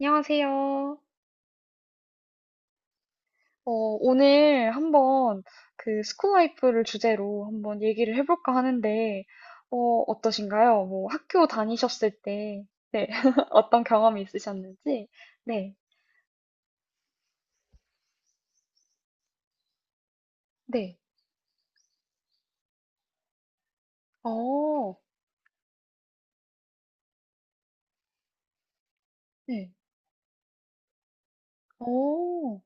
안녕하세요. 어, 오늘 한번 그 스쿨라이프를 주제로 한번 얘기를 해볼까 하는데, 어, 어떠신가요? 뭐 학교 다니셨을 때, 네. 어떤 경험이 있으셨는지, 네, 네, 어, 네, 어,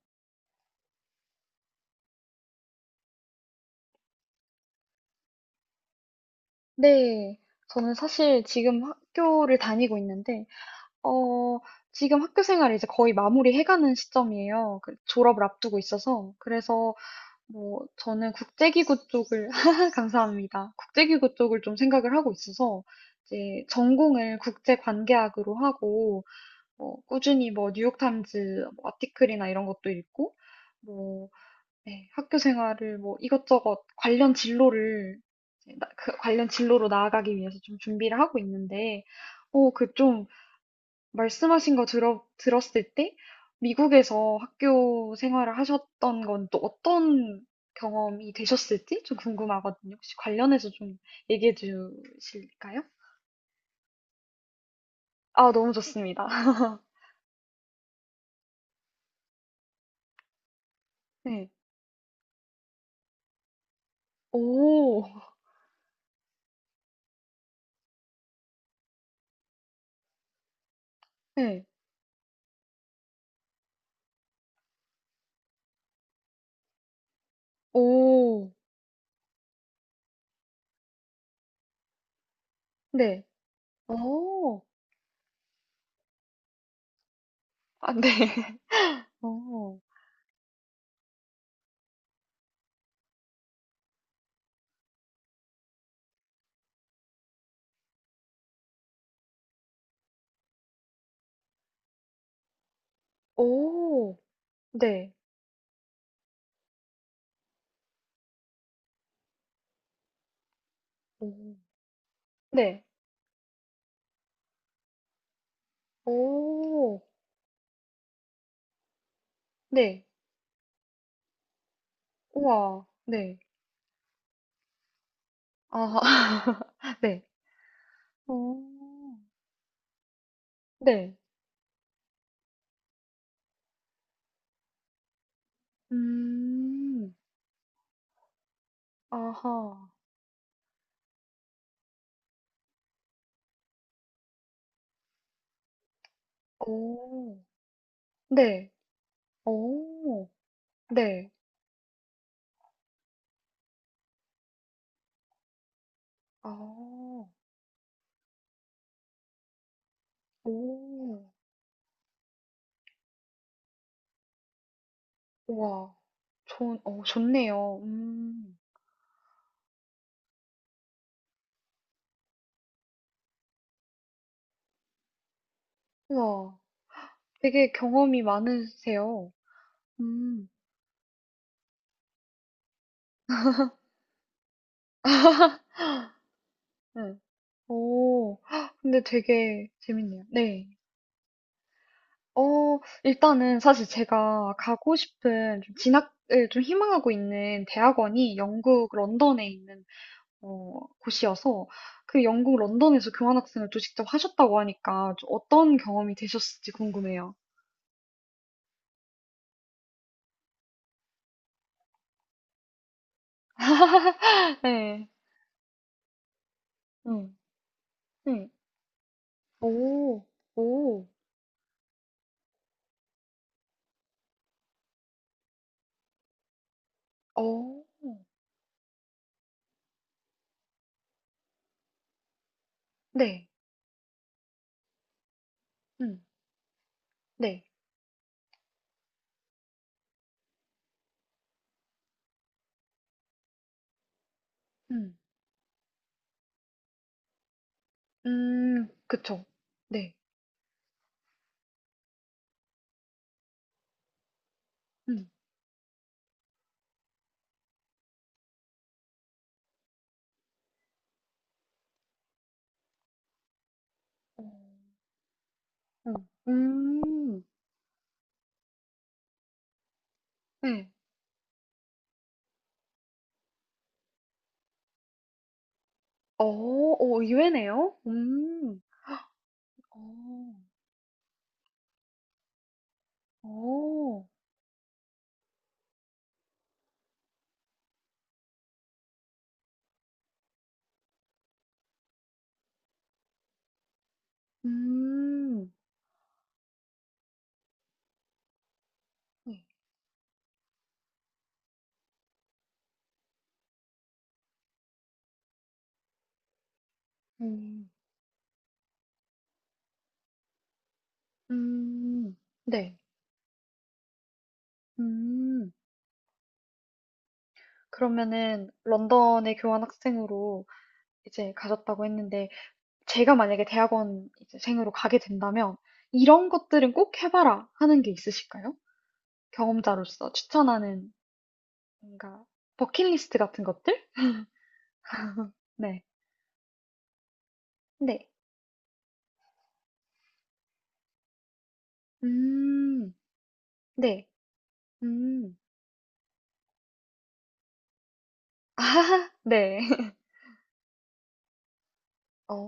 네. 저는 사실 지금 학교를 다니고 있는데, 어, 지금 학교 생활을 이제 거의 마무리해가는 시점이에요. 그 졸업을 앞두고 있어서. 그래서 뭐, 저는 국제기구 쪽을, 감사합니다. 국제기구 쪽을 좀 생각을 하고 있어서, 이제 전공을 국제관계학으로 하고, 뭐, 꾸준히 뭐, 뉴욕타임즈 뭐 아티클이나 이런 것도 읽고, 뭐, 네, 학교 생활을 뭐, 이것저것 관련 진로를, 이제 그 관련 진로로 나아가기 위해서 좀 준비를 하고 있는데, 그좀 말씀하신 거 들었을 때 미국에서 학교 생활을 하셨던 건 또 어떤 경험이 되셨을지 좀 궁금하거든요. 혹시 관련해서 좀 얘기해 주실까요? 아, 너무 좋습니다. 네. 오, 네. 오, 네. 오, 아, 네. 오, 오, 네. 오, 네. 오, 네. 우와, 네. 아, 네. 오, 네. 음. 아하. 오. 네. 오. 네. 아. 오. 와, 좋은 좋네요. 음. 와, 되게 경험이 많으세요. 음. 네. 오. 헉, 근데 되게 재밌네요. 네. 일단은 사실 제가 가고 싶은 좀 진학을 좀 희망하고 있는 대학원이 영국 런던에 있는 곳이어서 그 영국 런던에서 교환학생을 또 직접 하셨다고 하니까 좀 어떤 경험이 되셨을지 궁금해요. 네, 음, 음, 오, 오, 어, 네, 음, 네, 음, 그쵸, 네, 음, 어, 음, 음, 네, 어, 오, 의외네요. 어, 어, 음, 네, 음, 음, 네, 음. 그러면은 런던에 교환 학생으로 이제 가셨다고 했는데 제가 만약에 대학원 이제 생으로 가게 된다면 이런 것들은 꼭 해봐라 하는 게 있으실까요? 경험자로서 추천하는 뭔가 버킷리스트 같은 것들? 네. 네. 음. 네. 음. 아하. 네. 어.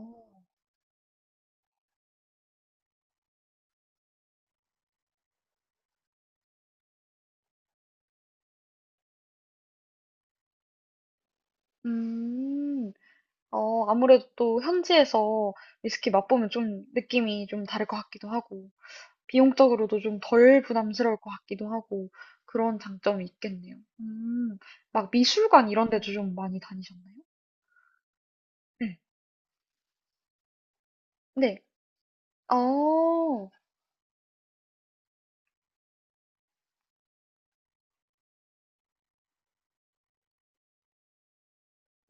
음. 아무래도 또 현지에서 위스키 맛보면 좀 느낌이 좀 다를 것 같기도 하고. 비용적으로도 좀 덜 부담스러울 것 같기도 하고 그런 장점이 있겠네요. 음. 막 미술관 이런 데도 좀 많이 다니셨나요? 네. 네. 어,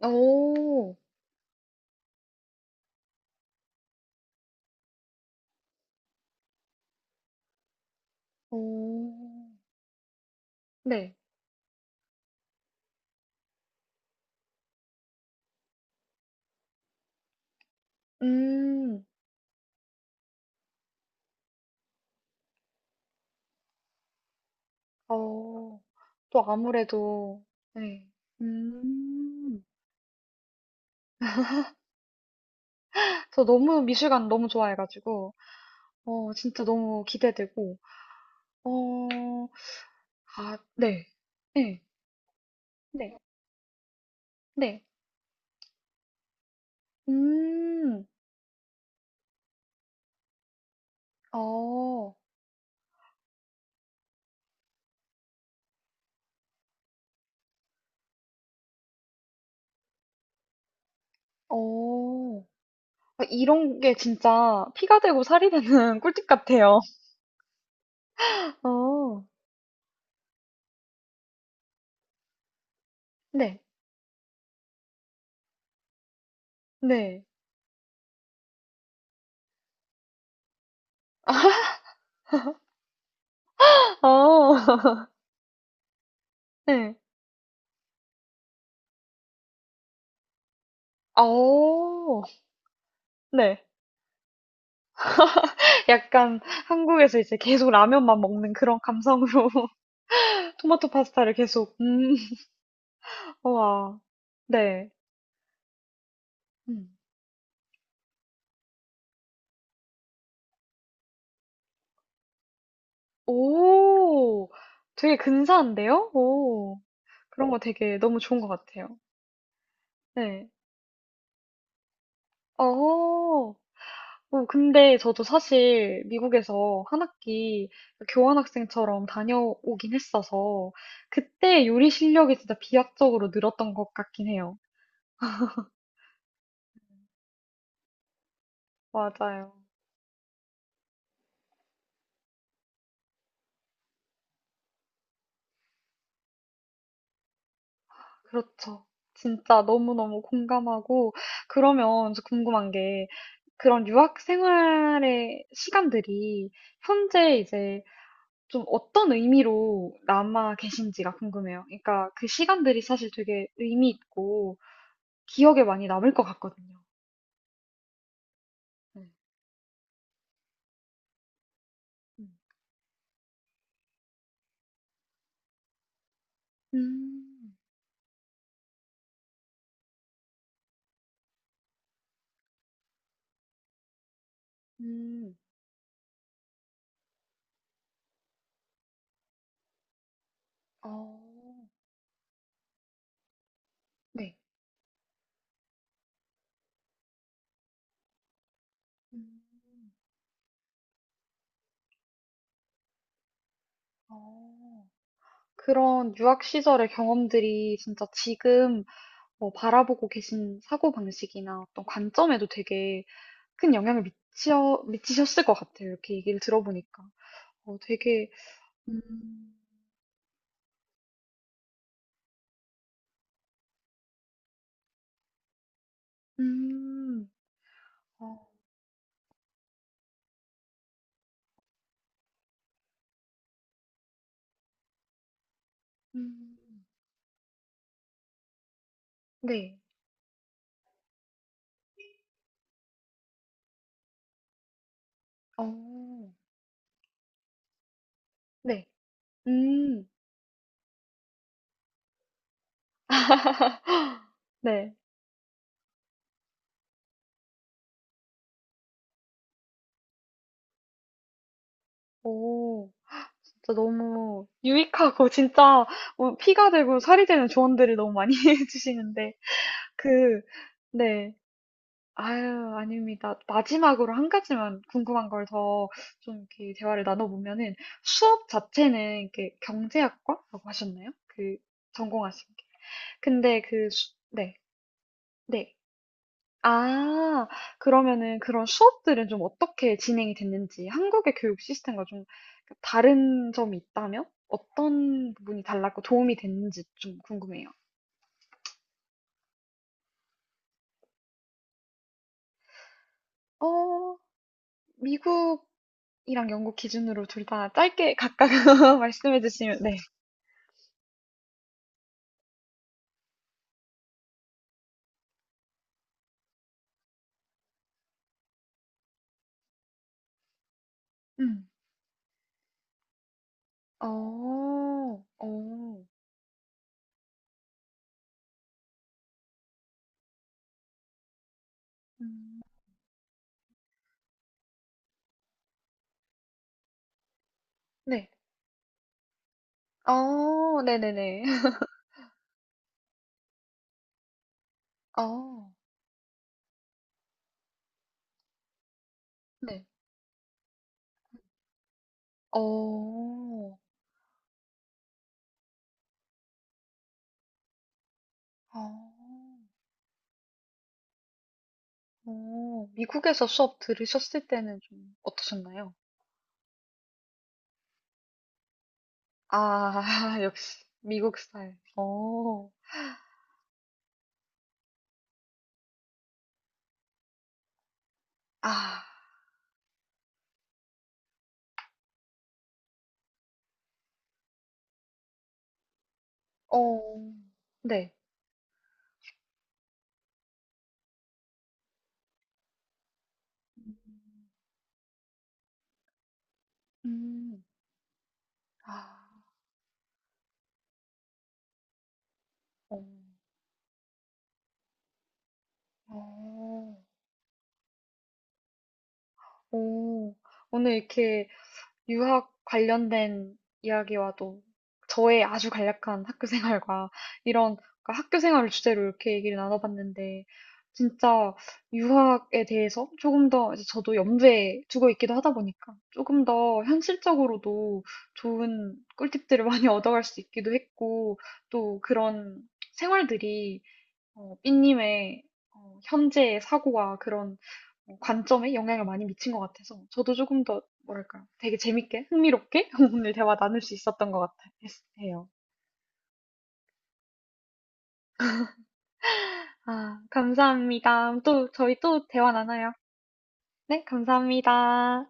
어, 어, 네. 음, 어, 또 아무래도, 네. 음. 저 너무 미술관 너무 좋아해가지고, 진짜 너무 기대되고, 어, 아, 네. 네. 네. 네. 음, 어. 어. 아, 이런 게 진짜 피가 되고 살이 되는 꿀팁 같아요. 어. 네. 네. 어. 네. 어. 네. 약간 한국에서 이제 계속 라면만 먹는 그런 감성으로 토마토 파스타를 계속 우와. 네. 음. 오. 되게 근사한데요? 오. 그런 거 되게 너무 좋은 것 같아요. 네. 어. 근데 저도 사실 미국에서 한 학기 교환학생처럼 다녀오긴 했어서 그때 요리 실력이 진짜 비약적으로 늘었던 것 같긴 해요. 맞아요. 그렇죠. 진짜 너무너무 공감하고 그러면 저 궁금한 게 그런 유학 생활의 시간들이 현재 이제 좀 어떤 의미로 남아 계신지가 궁금해요. 그러니까 그 시간들이 사실 되게 의미 있고 기억에 많이 남을 것 같거든요. 네. 음. 음. 음. 어. 네. 음. 어. 그런 유학 시절의 경험들이 진짜 지금 뭐 바라보고 계신 사고방식이나 어떤 관점에도 되게 큰 영향을 미치어 미치셨을 것 같아요. 이렇게 얘기를 들어보니까. 되게 음. 음. 어. 음. 네. 어. 네. 음. 네. 어. 진짜 너무 유익하고 진짜 뭐 피가 되고 살이 되는 조언들을 너무 많이 해주시는데 그 네. 아유, 아닙니다. 마지막으로 한 가지만 궁금한 걸 더 좀 이렇게 대화를 나눠보면은 수업 자체는 이렇게 경제학과라고 하셨나요? 그 전공하신 게. 근데 네. 네. 아. 그러면은 그런 수업들은 좀 어떻게 진행이 됐는지 한국의 교육 시스템과 좀 그 다른 점이 있다면 어떤 부분이 달랐고 도움이 됐는지 좀 궁금해요. 어 미국이랑 영국 기준으로 둘 다 짧게 각각 말씀해 주시면 네. 음. 어. 어. 음. 네. 어. 네네네. 어. 네. 어. 어. 미국에서 수업 들으셨을 때는 좀 어떠셨나요? 아, 역시 미국 스타일. 어, 아, 어, 네. 음, 아, 어, 어, 오, 오늘 이렇게 유학 관련된 이야기와도 저의 아주 간략한 학교 생활과 이런 그러니까 학교 생활을 주제로 이렇게 얘기를 나눠봤는데 진짜 유학에 대해서 조금 더 이제 저도 염두에 두고 있기도 하다 보니까 조금 더 현실적으로도 좋은 꿀팁들을 많이 얻어갈 수 있기도 했고 또 그런 생활들이 삐님의 현재의 사고와 그런 관점에 영향을 많이 미친 것 같아서 저도 조금 더 뭐랄까 되게 재밌게 흥미롭게 오늘 대화 나눌 수 있었던 것 같아요. 아, 감사합니다. 또 저희 또 대화 나눠요. 네, 감사합니다.